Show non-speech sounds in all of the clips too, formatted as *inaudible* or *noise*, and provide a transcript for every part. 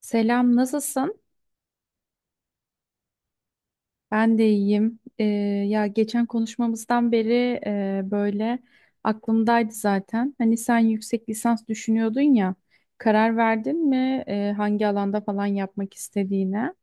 Selam, nasılsın? Ben de iyiyim. Ya geçen konuşmamızdan beri böyle aklımdaydı zaten. Hani sen yüksek lisans düşünüyordun ya, karar verdin mi hangi alanda falan yapmak istediğine?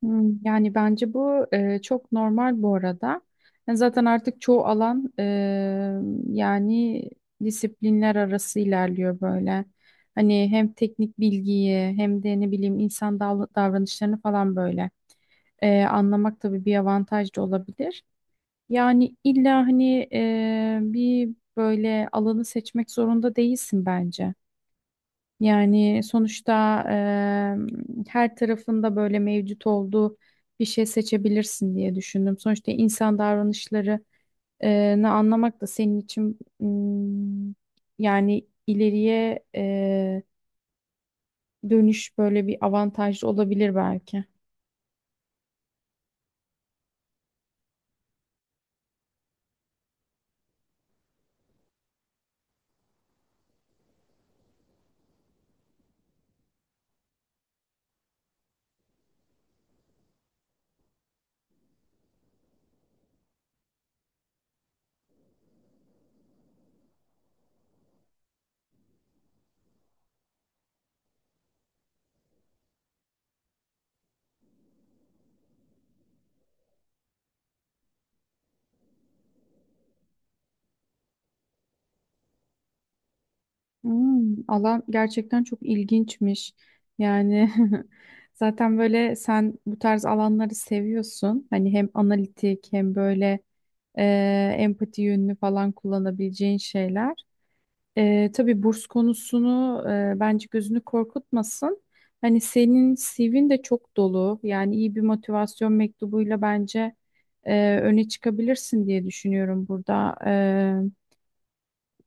Hmm, yani bence bu çok normal bu arada. Yani zaten artık çoğu alan yani disiplinler arası ilerliyor böyle. Hani hem teknik bilgiyi hem de ne bileyim insan davranışlarını falan böyle. Anlamak tabii bir avantaj da olabilir. Yani illa hani bir böyle alanı seçmek zorunda değilsin bence. Yani sonuçta her tarafında böyle mevcut olduğu bir şey seçebilirsin diye düşündüm. Sonuçta insan davranışları ne anlamak da senin için yani ileriye dönüş böyle bir avantaj olabilir belki. Hmm, alan gerçekten çok ilginçmiş. Yani *laughs* zaten böyle sen bu tarz alanları seviyorsun. Hani hem analitik hem böyle e, empati yönünü falan kullanabileceğin şeyler. Tabii burs konusunu bence gözünü korkutmasın. Hani senin CV'n de çok dolu. Yani iyi bir motivasyon mektubuyla bence öne çıkabilirsin diye düşünüyorum burada.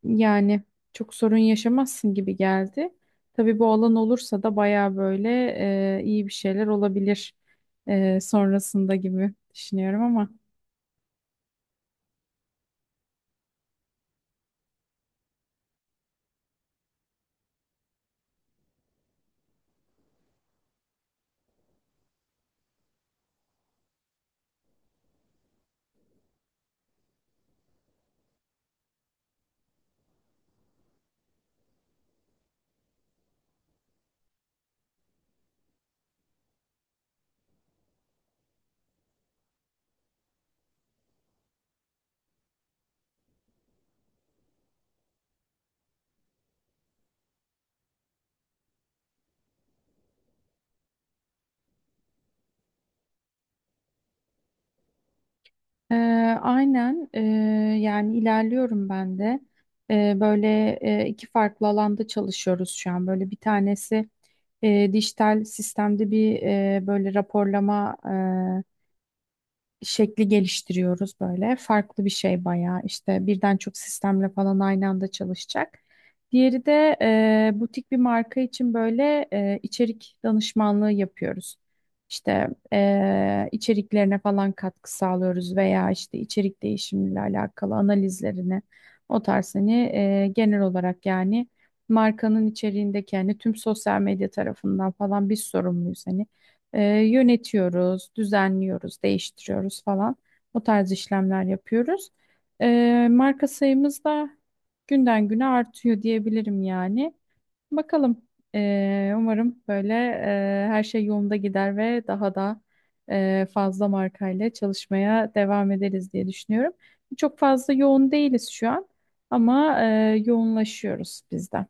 Yani çok sorun yaşamazsın gibi geldi. Tabii bu alan olursa da baya böyle iyi bir şeyler olabilir sonrasında gibi düşünüyorum ama. E, aynen, yani ilerliyorum ben de. Böyle iki farklı alanda çalışıyoruz şu an. Böyle bir tanesi dijital sistemde bir böyle raporlama şekli geliştiriyoruz böyle. Farklı bir şey bayağı işte birden çok sistemle falan aynı anda çalışacak. Diğeri de butik bir marka için böyle içerik danışmanlığı yapıyoruz. İşte içeriklerine falan katkı sağlıyoruz veya işte içerik değişimiyle alakalı analizlerini o tarz hani genel olarak yani markanın içeriğindeki yani tüm sosyal medya tarafından falan biz sorumluyuz hani. Yönetiyoruz, düzenliyoruz, değiştiriyoruz falan. O tarz işlemler yapıyoruz. Marka sayımız da günden güne artıyor diyebilirim yani. Bakalım. Umarım böyle her şey yolunda gider ve daha da fazla markayla çalışmaya devam ederiz diye düşünüyorum. Çok fazla yoğun değiliz şu an ama yoğunlaşıyoruz biz de.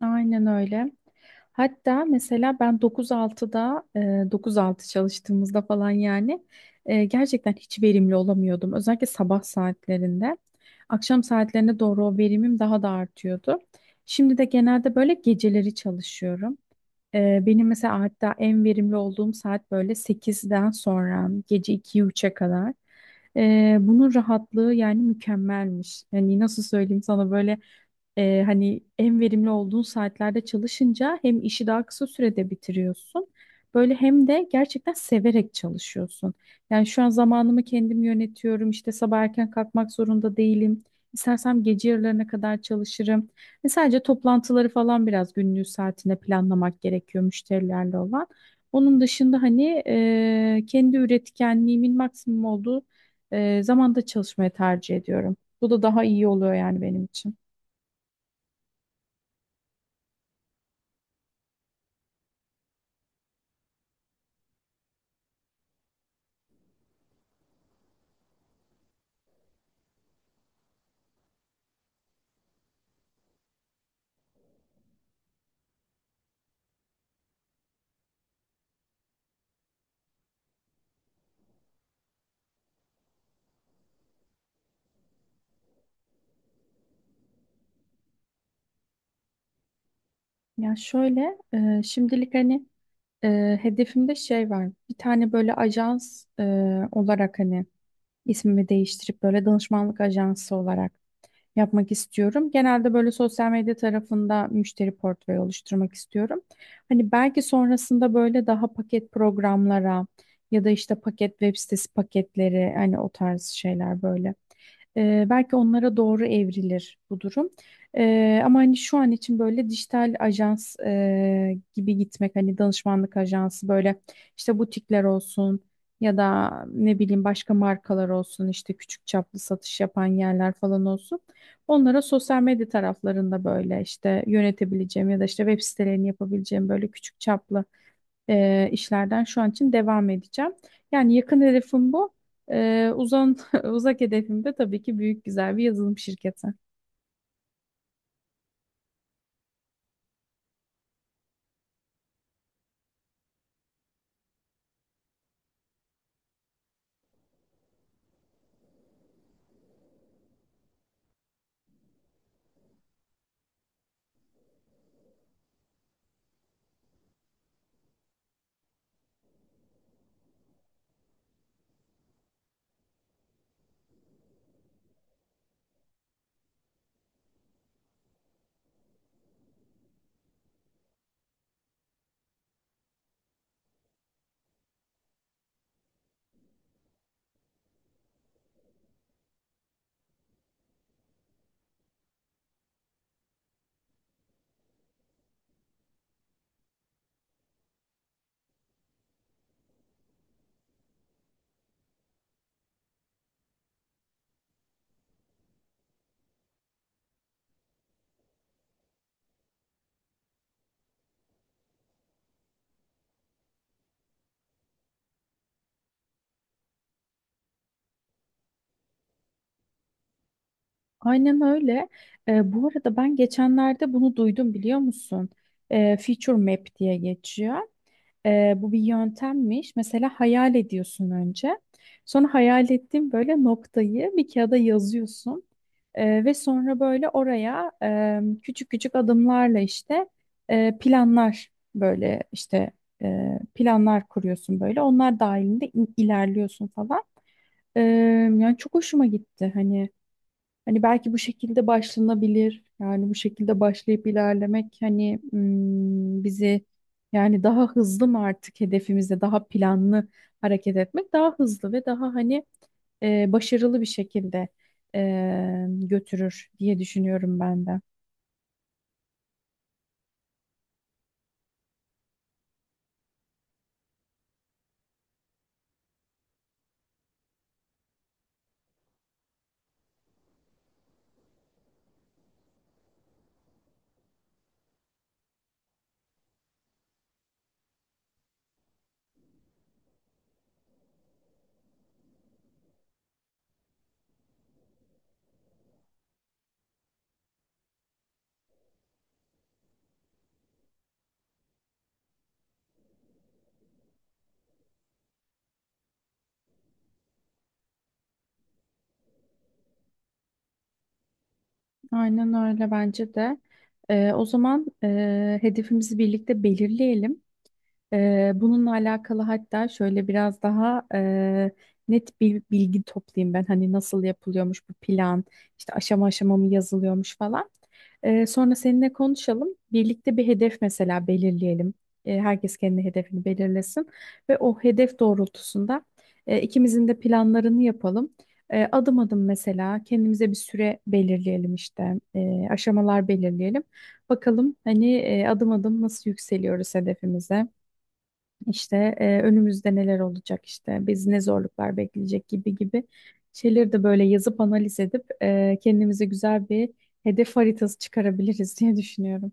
Aynen öyle. Hatta mesela ben 9-6'da, 9-6 çalıştığımızda falan yani gerçekten hiç verimli olamıyordum. Özellikle sabah saatlerinde. Akşam saatlerine doğru o verimim daha da artıyordu. Şimdi de genelde böyle geceleri çalışıyorum. Benim mesela hatta en verimli olduğum saat böyle 8'den sonra gece 2'ye 3'e kadar. Bunun rahatlığı yani mükemmelmiş. Yani nasıl söyleyeyim sana böyle hani en verimli olduğun saatlerde çalışınca hem işi daha kısa sürede bitiriyorsun. Böyle hem de gerçekten severek çalışıyorsun. Yani şu an zamanımı kendim yönetiyorum. İşte sabah erken kalkmak zorunda değilim. İstersem gece yarılarına kadar çalışırım. Ve sadece toplantıları falan biraz günlüğü saatine planlamak gerekiyor müşterilerle olan. Onun dışında hani kendi üretkenliğimin maksimum olduğu zamanda çalışmayı tercih ediyorum. Bu da daha iyi oluyor yani benim için. Ya şöyle, şimdilik hani hedefimde şey var. Bir tane böyle ajans olarak hani ismimi değiştirip böyle danışmanlık ajansı olarak yapmak istiyorum. Genelde böyle sosyal medya tarafında müşteri portföyü oluşturmak istiyorum. Hani belki sonrasında böyle daha paket programlara ya da işte paket web sitesi paketleri hani o tarz şeyler böyle. Belki onlara doğru evrilir bu durum. Ama hani şu an için böyle dijital ajans gibi gitmek hani danışmanlık ajansı böyle işte butikler olsun ya da ne bileyim başka markalar olsun işte küçük çaplı satış yapan yerler falan olsun. Onlara sosyal medya taraflarında böyle işte yönetebileceğim ya da işte web sitelerini yapabileceğim böyle küçük çaplı işlerden şu an için devam edeceğim. Yani yakın hedefim bu. E, Uzak hedefim de tabii ki büyük güzel bir yazılım şirketi. Aynen öyle. Bu arada ben geçenlerde bunu duydum biliyor musun? Feature Map diye geçiyor. Bu bir yöntemmiş. Mesela hayal ediyorsun önce. Sonra hayal ettiğin böyle noktayı bir kağıda yazıyorsun. Ve sonra böyle oraya küçük küçük adımlarla işte planlar böyle işte planlar kuruyorsun böyle. Onlar dahilinde ilerliyorsun falan. Ee, yani çok hoşuma gitti hani belki bu şekilde başlanabilir yani bu şekilde başlayıp ilerlemek hani, bizi yani daha hızlı mı artık hedefimizde daha planlı hareket etmek daha hızlı ve daha hani başarılı bir şekilde götürür diye düşünüyorum ben de. Aynen öyle bence de. O zaman hedefimizi birlikte belirleyelim. Bununla alakalı hatta şöyle biraz daha net bir bilgi toplayayım ben. Hani nasıl yapılıyormuş bu plan, işte aşama aşama mı yazılıyormuş falan. Sonra seninle konuşalım. Birlikte bir hedef mesela belirleyelim. Herkes kendi hedefini belirlesin ve o hedef doğrultusunda ikimizin de planlarını yapalım. Adım adım mesela kendimize bir süre belirleyelim işte. Aşamalar belirleyelim. Bakalım hani adım adım nasıl yükseliyoruz hedefimize. İşte önümüzde neler olacak, işte biz ne zorluklar bekleyecek gibi gibi şeyleri de böyle yazıp analiz edip kendimize güzel bir hedef haritası çıkarabiliriz *laughs* diye düşünüyorum.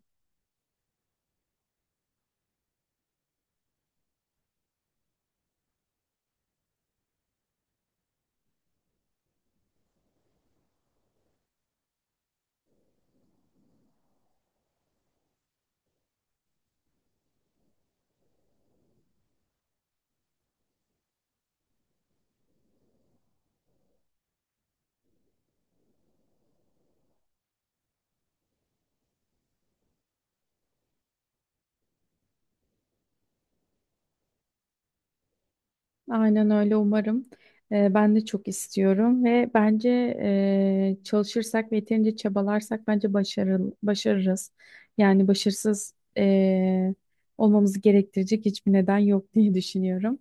Aynen öyle umarım. Ben de çok istiyorum ve bence çalışırsak ve yeterince çabalarsak bence başarırız. Yani başarısız olmamızı gerektirecek hiçbir neden yok diye *laughs* düşünüyorum.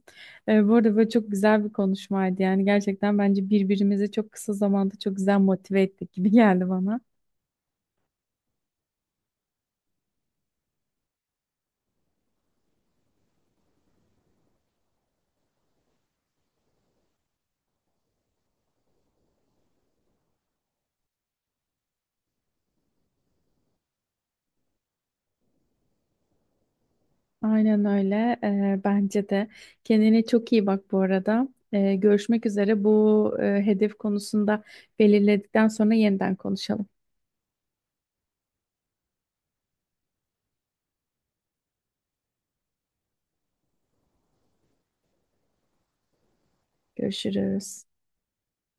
Bu arada böyle çok güzel bir konuşmaydı. Yani gerçekten bence birbirimizi çok kısa zamanda çok güzel motive ettik gibi geldi bana. Aynen öyle. Bence de. Kendine çok iyi bak bu arada. Görüşmek üzere. Bu hedef konusunda belirledikten sonra yeniden konuşalım. Görüşürüz.